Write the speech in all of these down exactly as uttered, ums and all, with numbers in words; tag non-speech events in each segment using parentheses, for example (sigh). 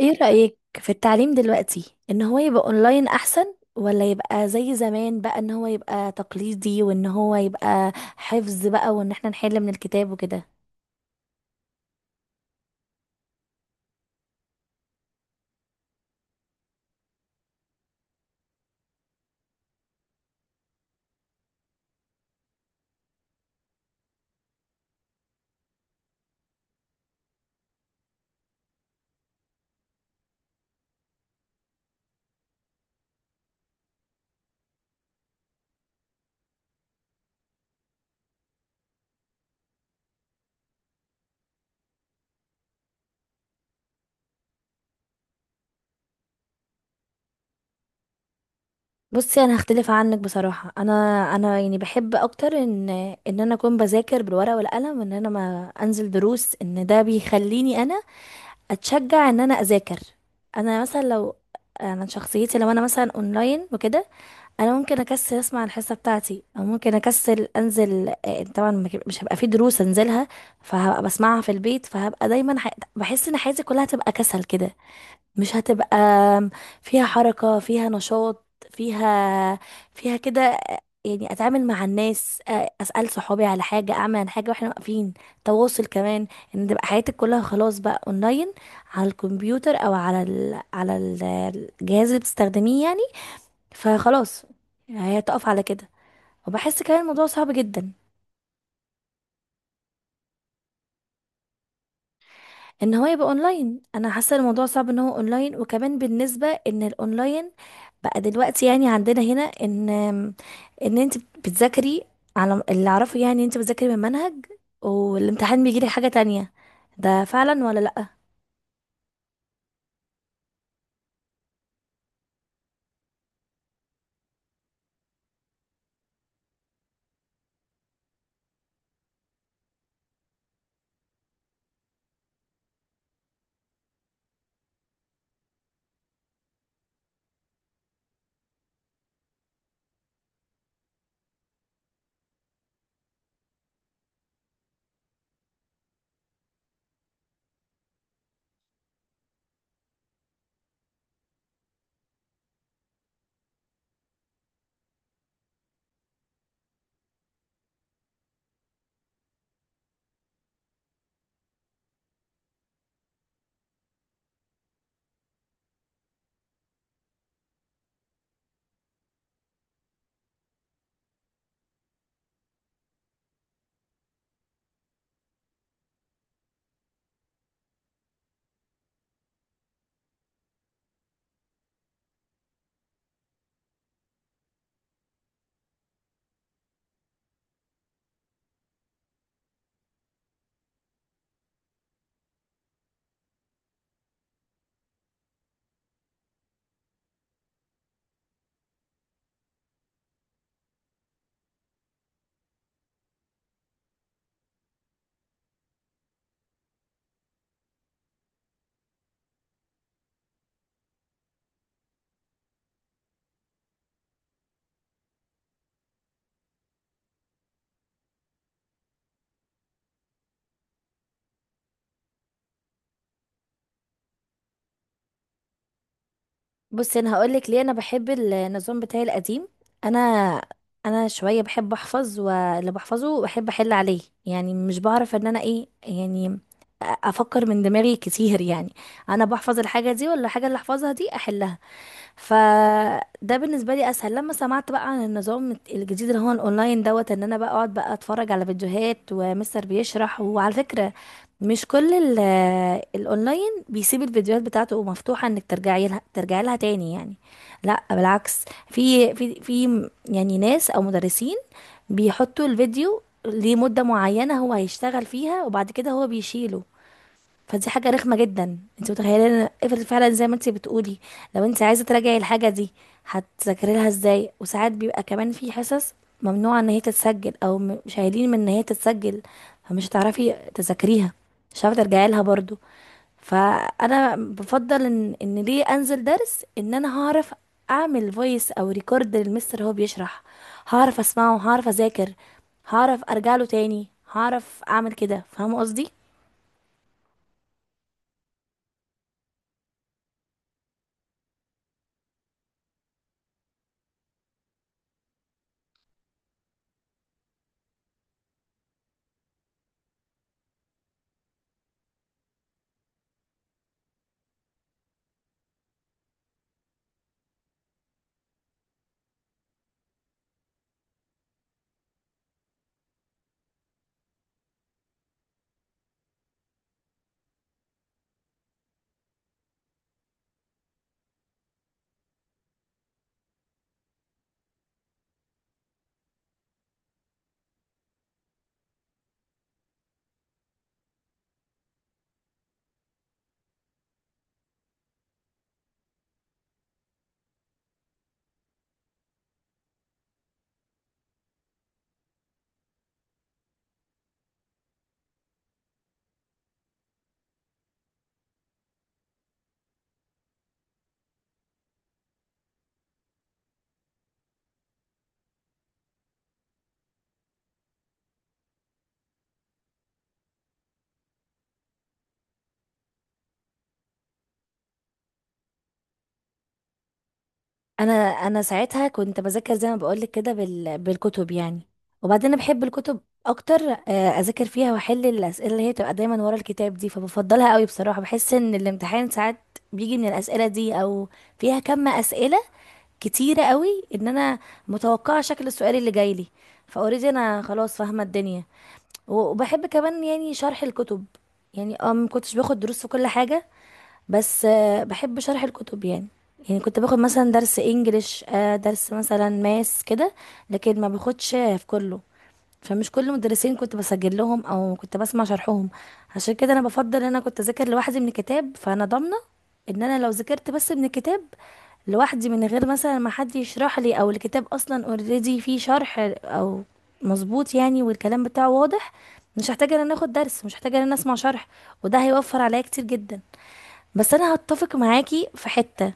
ايه رأيك في التعليم دلوقتي، ان هو يبقى اونلاين احسن، ولا يبقى زي زمان بقى ان هو يبقى تقليدي، وان هو يبقى حفظ بقى، وان احنا نحل من الكتاب وكده؟ بصي، انا هختلف عنك بصراحة. انا انا يعني بحب اكتر ان ان انا اكون بذاكر بالورقة والقلم، ان انا ما انزل دروس، ان ده بيخليني انا اتشجع ان انا اذاكر. انا مثلا لو انا شخصيتي لو انا مثلا اونلاين وكده، انا ممكن اكسل اسمع الحصه بتاعتي، او ممكن اكسل انزل، آه، طبعا ما ك- مش هبقى في دروس انزلها، فهبقى بسمعها في البيت. فهبقى دايما ح... بحس ان حياتي كلها هتبقى كسل كده، مش هتبقى فيها حركه، فيها نشاط، فيها فيها كده، آه، يعني اتعامل مع الناس، آه، اسال صحابي على حاجه، اعمل عن حاجه واحنا واقفين، تواصل كمان. ان تبقى حياتك كلها خلاص بقى اونلاين، على الكمبيوتر او على ال... على ال- الجهاز اللي بتستخدميه يعني. فخلاص، هي تقف على كده. وبحس كمان الموضوع صعب جدا، ان هو يبقى اونلاين. انا حاسه الموضوع صعب ان هو اونلاين، وكمان بالنسبه ان الاونلاين بقى دلوقتي، يعني عندنا هنا ان ان انت بتذاكري على اللي اعرفه، يعني انت بتذاكري من منهج والامتحان بيجيلك حاجه تانية. ده فعلا ولا لا؟ بصي، انا هقولك ليه انا بحب النظام بتاعي القديم. انا انا شويه بحب احفظ، واللي بحفظه بحب احل عليه، يعني مش بعرف ان انا ايه يعني، افكر من دماغي كتير يعني. انا بحفظ الحاجه دي، ولا الحاجه اللي احفظها دي احلها. فده بالنسبه لي اسهل. لما سمعت بقى عن النظام الجديد اللي هو الاونلاين دوت، ان انا بقى اقعد بقى اتفرج على فيديوهات ومستر بيشرح. وعلى فكره، مش كل ال- الاونلاين بيسيب الفيديوهات بتاعته مفتوحه انك ترجعي لها ترجعي لها تاني يعني. لا بالعكس، في في في يعني ناس او مدرسين بيحطوا الفيديو لمده معينه هو هيشتغل فيها، وبعد كده هو بيشيله. فدي حاجة رخمة جدا. انت متخيلة، إن- افرض فعلا زي ما انت بتقولي، لو انت عايزة تراجعي الحاجة دي، هتذاكري لها ازاي؟ وساعات بيبقى كمان في حصص ممنوعة ان هي تتسجل، او م- شايلين من ان هي تتسجل. فمش هتعرفي تذاكريها، مش هتعرفي ترجعي لها برضو. فانا بفضل ان ان ليه انزل درس، ان انا هعرف اعمل فويس او ريكورد للمستر هو بيشرح، هعرف اسمعه، هعرف اذاكر، هعرف ارجع له تاني، هعرف اعمل كده. فاهمه قصدي؟ انا انا ساعتها كنت بذاكر زي ما بقولك كده بال... بالكتب يعني. وبعدين أنا بحب الكتب اكتر، آه، اذاكر فيها واحل الاسئله اللي هي تبقى دايما ورا الكتاب دي، فبفضلها قوي بصراحه. بحس ان الامتحان ساعات بيجي من الاسئله دي، او فيها كم اسئله كتيره قوي ان انا متوقعه شكل السؤال اللي جاي لي، فاوريدي انا خلاص فاهمه الدنيا. و- وبحب كمان يعني شرح الكتب، يعني اه ما كنتش باخد دروس في كل حاجه، بس آه، بحب شرح الكتب يعني. يعني كنت باخد مثلا درس انجليش، آه، درس مثلا ماس كده، لكن ما باخدش في كله. فمش كل مدرسين كنت بسجل لهم او كنت بسمع شرحهم. عشان كده انا بفضل ان انا كنت اذاكر لوحدي من الكتاب. فانا ضامنه ان انا لو ذاكرت بس من الكتاب لوحدي، من غير مثلا ما حد يشرح لي، او الكتاب اصلا اوريدي فيه شرح او مظبوط يعني، والكلام بتاعه واضح، مش هحتاج ان انا اخد درس، مش هحتاج ان انا اسمع شرح، وده هيوفر عليا كتير جدا. بس انا هتفق معاكي في حتة،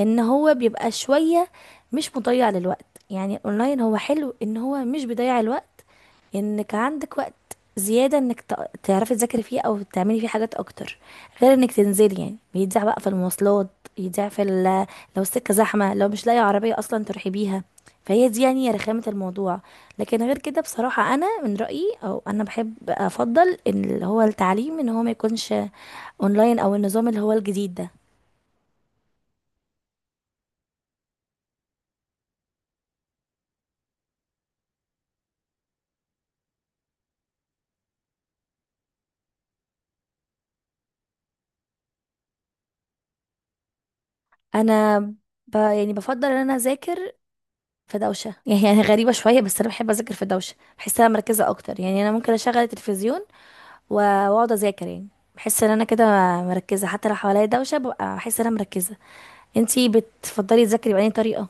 ان هو بيبقى شوية مش مضيع للوقت. يعني الاونلاين هو حلو ان هو مش بيضيع الوقت، انك عندك وقت زيادة انك ت- تعرفي تذاكري فيه او تعملي فيه حاجات اكتر، غير انك تنزلي يعني بيضيع بقى في المواصلات، يضيع في ال- لو السكة زحمة، لو مش لاقي عربية اصلا تروحي بيها. فهي دي يعني رخامة الموضوع. لكن غير كده بصراحة انا من رأيي، او انا بحب افضل، ان اللي هو التعليم ان هو ما يكونش اونلاين، او النظام اللي هو الجديد ده. انا ب... يعني بفضل ان انا اذاكر في دوشه. (laughs) يعني هي غريبه شويه، بس انا بحب اذاكر في دوشه، بحس انا مركزه اكتر. يعني انا ممكن اشغل التلفزيون و- واقعد اذاكر يعني. بحس ان انا كده مركزه، حتى لو حواليا دوشه ببقى بحس ان انا مركزه. انتي بتفضلي تذاكري بأي طريقه؟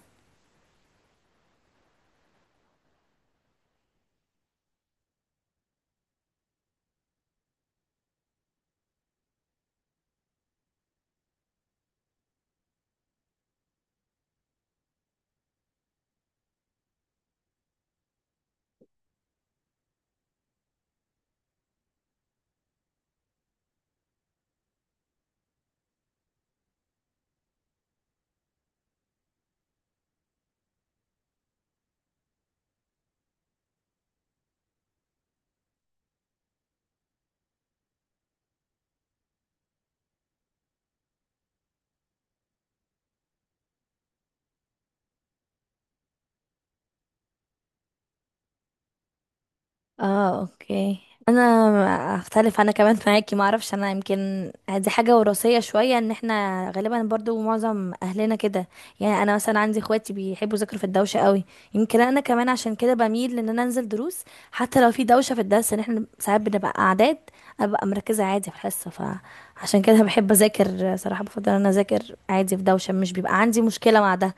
اه، اوكي. انا اختلف انا كمان معاكي، ما اعرفش، انا يمكن دي حاجه وراثيه شويه، ان احنا غالبا برضو معظم اهلنا كده يعني. انا مثلا عندي اخواتي بيحبوا يذاكروا في الدوشه قوي، يمكن انا كمان عشان كده بميل ان انا انزل دروس. حتى لو في دوشه في الدرس، ان احنا ساعات بنبقى اعداد، ابقى مركزه عادي في الحصه. فعشان كده بحب اذاكر. صراحه بفضل ان انا اذاكر عادي في دوشه، مش بيبقى عندي مشكله مع ده.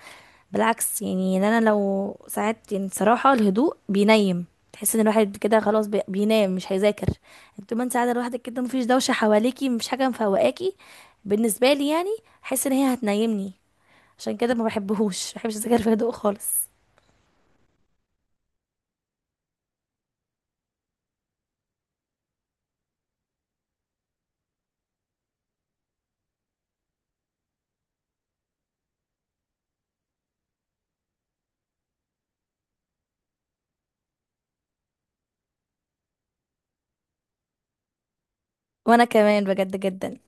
بالعكس يعني، إن انا لو ساعات، يعني صراحة الهدوء بينيم. تحس ان الواحد كده خلاص بي- بينام مش هيذاكر، يعني طول ما انت قاعدة لوحدك كده، مفيش دوشة حواليكي، مفيش حاجة مفوقاكي. بالنسبة لي يعني احس ان هي هتنيمني. عشان كده ما بحبهوش ما بحبش اذاكر في هدوء خالص. وانا كمان بجد جدا.